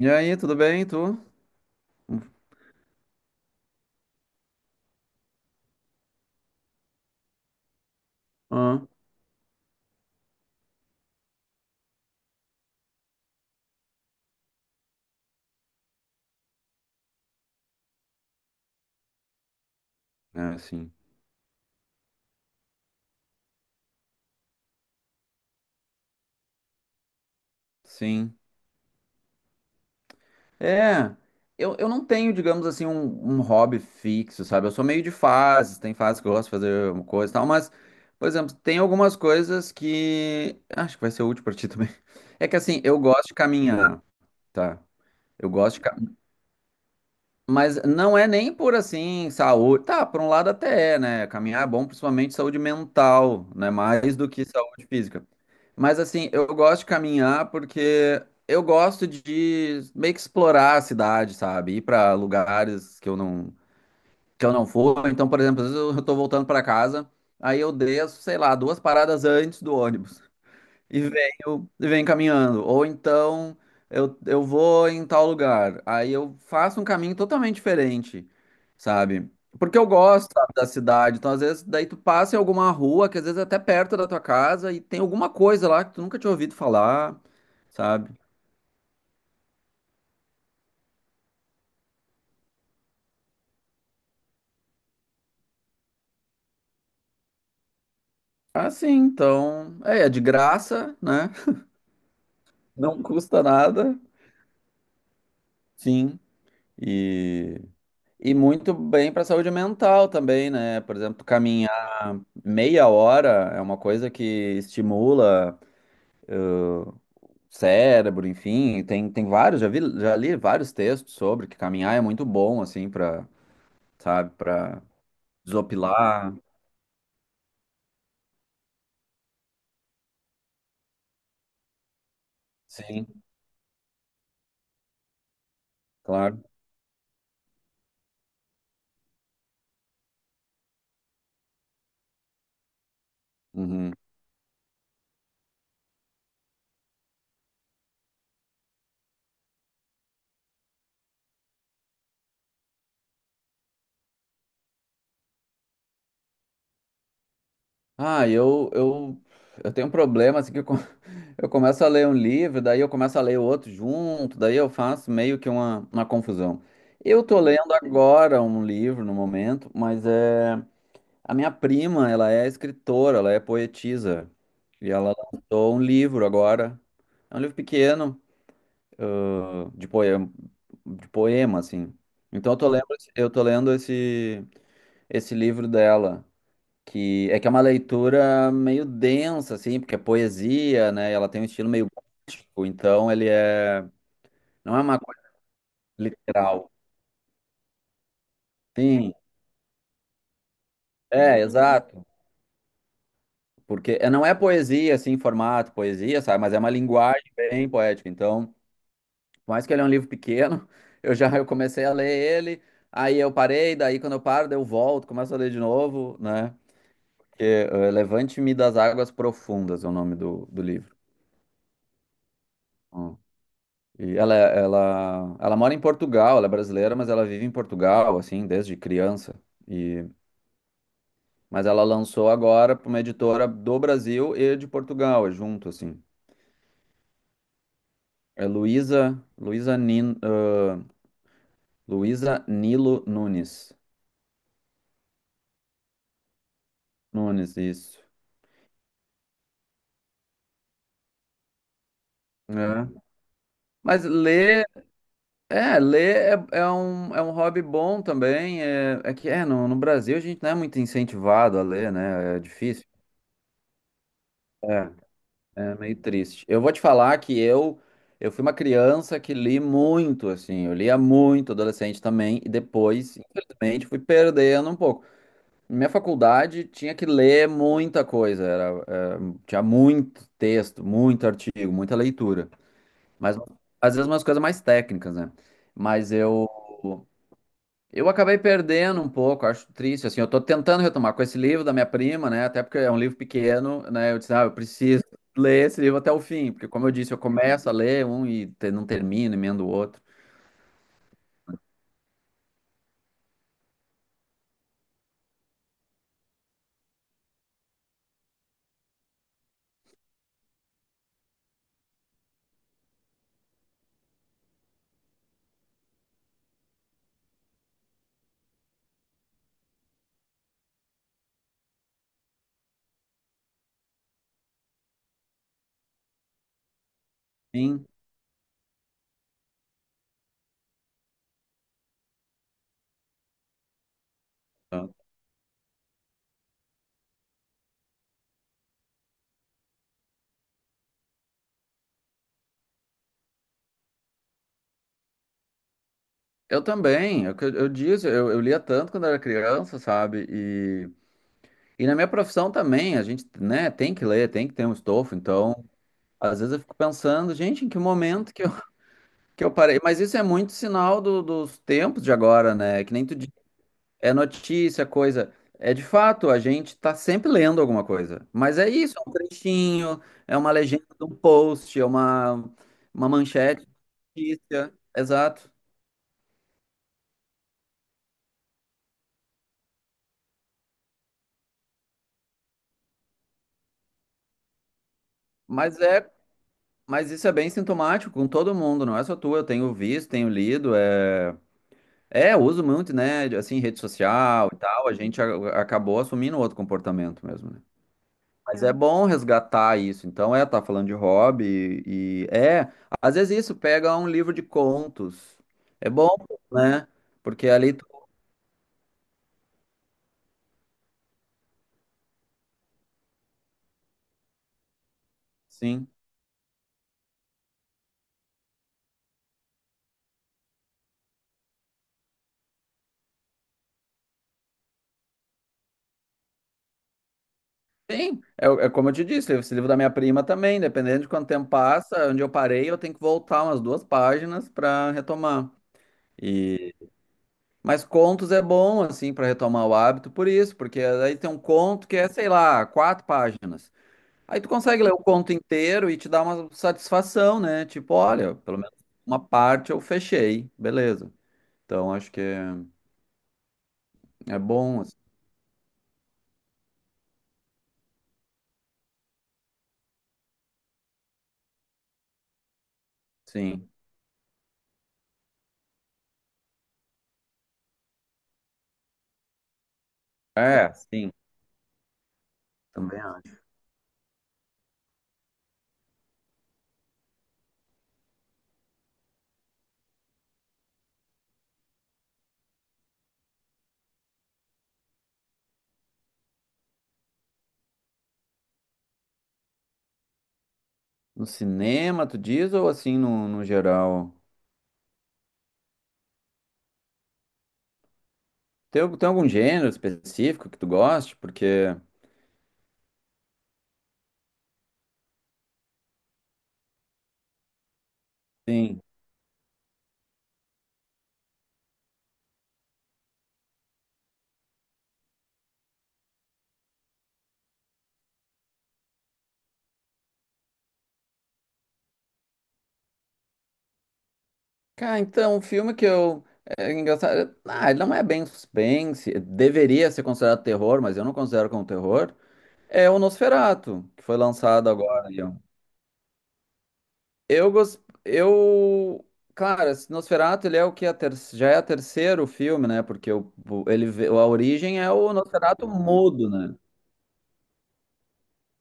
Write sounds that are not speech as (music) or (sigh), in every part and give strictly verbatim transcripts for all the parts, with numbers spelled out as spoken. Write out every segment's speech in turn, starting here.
E aí, tudo bem, tu? Ah, é, sim. Sim. É, eu, eu não tenho, digamos assim, um, um hobby fixo, sabe? Eu sou meio de fases, tem fases que eu gosto de fazer uma coisa e tal, mas, por exemplo, tem algumas coisas que acho que vai ser útil pra ti (laughs) também. É que assim, eu gosto de caminhar, tá? Eu gosto de, ca- Mas não é nem por assim, saúde. Tá, por um lado até é, né? Caminhar é bom, principalmente saúde mental, né? Mais do que saúde física. Mas assim, eu gosto de caminhar porque eu gosto de meio que explorar a cidade, sabe? Ir para lugares que eu não que eu não for. Então, por exemplo, às vezes eu eu tô voltando para casa, aí eu desço, sei lá, duas paradas antes do ônibus e venho, e venho caminhando. Ou então eu, eu vou em tal lugar. Aí eu faço um caminho totalmente diferente, sabe? Porque eu gosto, sabe, da cidade. Então, às vezes, daí tu passa em alguma rua, que às vezes é até perto da tua casa, e tem alguma coisa lá que tu nunca tinha ouvido falar, sabe? Ah, sim, então. É, é de graça, né? (laughs) Não custa nada. Sim. E. E muito bem para a saúde mental também, né? Por exemplo, caminhar meia hora é uma coisa que estimula o cérebro, enfim. Tem, tem vários, já vi, já li vários textos sobre que caminhar é muito bom, assim, para, sabe, para desopilar. Sim, claro. Uhum. Ah, eu, eu, eu tenho um problema, assim, que eu, co- (laughs) eu começo a ler um livro, daí eu começo a ler o outro junto, daí eu faço meio que uma, uma confusão. Eu tô Hum. lendo agora um livro no momento, mas é a minha prima, ela é escritora, ela é poetisa, e ela lançou um livro agora. É um livro pequeno, ãh, de poema, de poema, assim. Então eu tô lendo, esse- eu tô lendo esse, esse livro dela que é que é uma leitura meio densa, assim, porque é poesia, né? E ela tem um estilo meio gótico, então ele é não é uma coisa literal. Sim, é, exato. Porque é, não é poesia, assim, em formato poesia, sabe? Mas é uma linguagem bem poética. Então, por mais que ele é um livro pequeno, (laughs) eu já eu comecei a ler ele, aí eu parei, daí quando eu paro, daí eu volto, começo a ler de novo, né? Que, eh, Levante-me das Águas Profundas é o nome do, do livro. Hum. E ela, ela, ela mora em Portugal, ela é brasileira, mas ela vive em Portugal, assim, desde criança. E, mas ela lançou agora para uma editora do Brasil e de Portugal, é junto, assim. É Luísa, Luísa Nin, ah, Luísa Nilo Nunes. Nunes, isso. É. Mas ler, é, ler é, é um, é um hobby bom também. É, é que é, no, No Brasil a gente não é muito incentivado a ler, né? É difícil. É. É meio triste. Eu vou te falar que eu eu fui uma criança que li muito, assim, eu lia muito adolescente também e depois, infelizmente, fui perdendo um pouco. Minha faculdade tinha que ler muita coisa, era, eh, tinha muito texto, muito artigo, muita leitura, mas às vezes umas coisas mais técnicas, né? Mas eu eu acabei perdendo um pouco, acho triste, assim, eu tô tentando retomar com esse livro da minha prima, né, até porque é um livro pequeno, né, eu disse, ah, eu preciso (laughs) ler esse livro até o fim, porque como eu disse, eu começo a ler um e te- não termino, emendo o outro. Sim. Eu também, é o que eu, eu disse, eu, eu lia tanto quando era criança, sabe, e, e na minha profissão também, a gente, né, tem que ler, tem que ter um estofo, então, às vezes eu fico pensando, gente, em que momento que eu, (laughs) que eu parei, mas isso é muito sinal do- dos tempos de agora, né, que nem tu. É notícia, coisa. É de fato, a gente está sempre lendo alguma coisa. Mas é isso, é um trechinho, é uma legenda de um post, é uma, uma manchete, notícia. Exato. Mas é, mas isso é bem sintomático com todo mundo, não é só tu. Eu tenho visto, tenho lido, é, é, eu uso muito, né, de, assim, rede social e tal. A gente a- acabou assumindo outro comportamento mesmo, né? Mas é bom resgatar isso. Então, é, tá falando de hobby e é, às vezes isso pega um livro de contos. É bom, né? Porque ali tu, sim. Sim, é, o- é como eu te disse, esse livro da minha prima também, dependendo de quanto tempo passa, onde eu parei, eu tenho que voltar umas duas páginas para retomar. E mas contos é bom assim para retomar o hábito por isso, porque aí tem um conto que é, sei lá, quatro páginas. Aí tu consegue ler o conto inteiro e te dá uma satisfação, né? Tipo, olha, pelo menos uma parte eu fechei, beleza. Então acho que é, é bom, assim. Sim. É, sim, também acho. No cinema, tu diz, ou assim no, no geral? Tem, al- tem algum gênero específico que tu goste? Porque, sim. Cara, então, um filme que eu. É é engraçado. Ah, ele não é bem suspense. Deveria ser considerado terror, mas eu não considero como terror. É o Nosferatu, que foi lançado agora. Eu gosto. Eu. Cara, esse Nosferatu, ele é o que? é A ter... Já é o terceiro filme, né? Porque o... o- ele... vê- a origem é o Nosferatu mudo, né?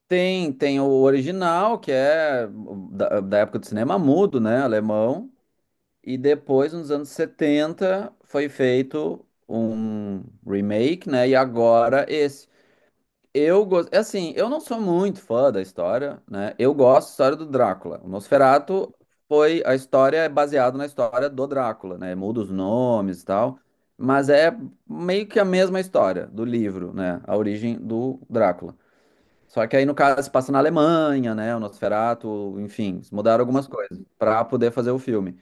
Tem, tem o original, que é da, da época do cinema mudo, né? Alemão. E depois, nos anos setenta foi feito um remake, né? E agora esse. Eu gosto, assim, eu não sou muito fã da história, né? Eu gosto da história do Drácula. O Nosferatu foi a história é baseada na história do Drácula, né? Muda os nomes e tal, mas é meio que a mesma história do livro, né? A origem do Drácula. Só que aí no caso se passa na Alemanha, né? O Nosferatu, enfim, eles mudaram algumas coisas para poder fazer o filme.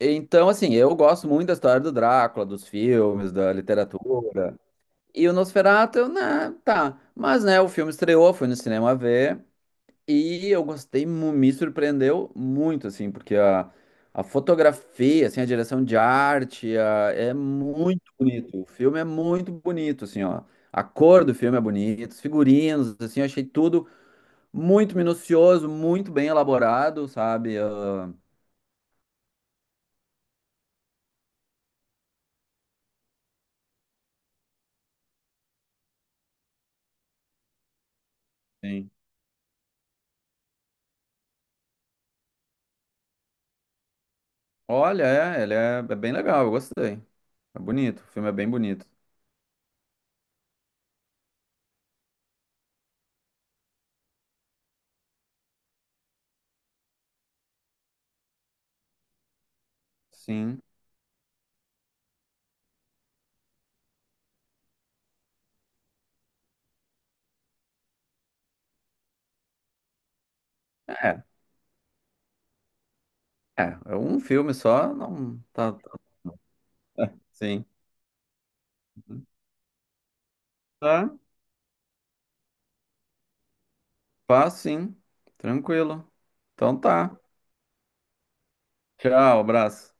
Então, assim, eu gosto muito da história do Drácula, dos filmes, da literatura. E o Nosferatu, eu, né, tá. Mas, né, o filme estreou, fui no cinema ver. E eu gostei, mu- me surpreendeu muito, assim, porque a, a fotografia, assim, a direção de arte, a- é muito bonito. O filme é muito bonito, assim, ó. A cor do filme é bonita, os figurinos, assim, eu achei tudo muito minucioso, muito bem elaborado, sabe? Ah, sim. Olha, é, ele é, é bem legal, eu gostei. É bonito, o filme é bem bonito. Sim. É. É, é um filme só, não. Tá, tá. É, sim. Tá, fácil, sim. Tranquilo. Então tá. Tchau, abraço.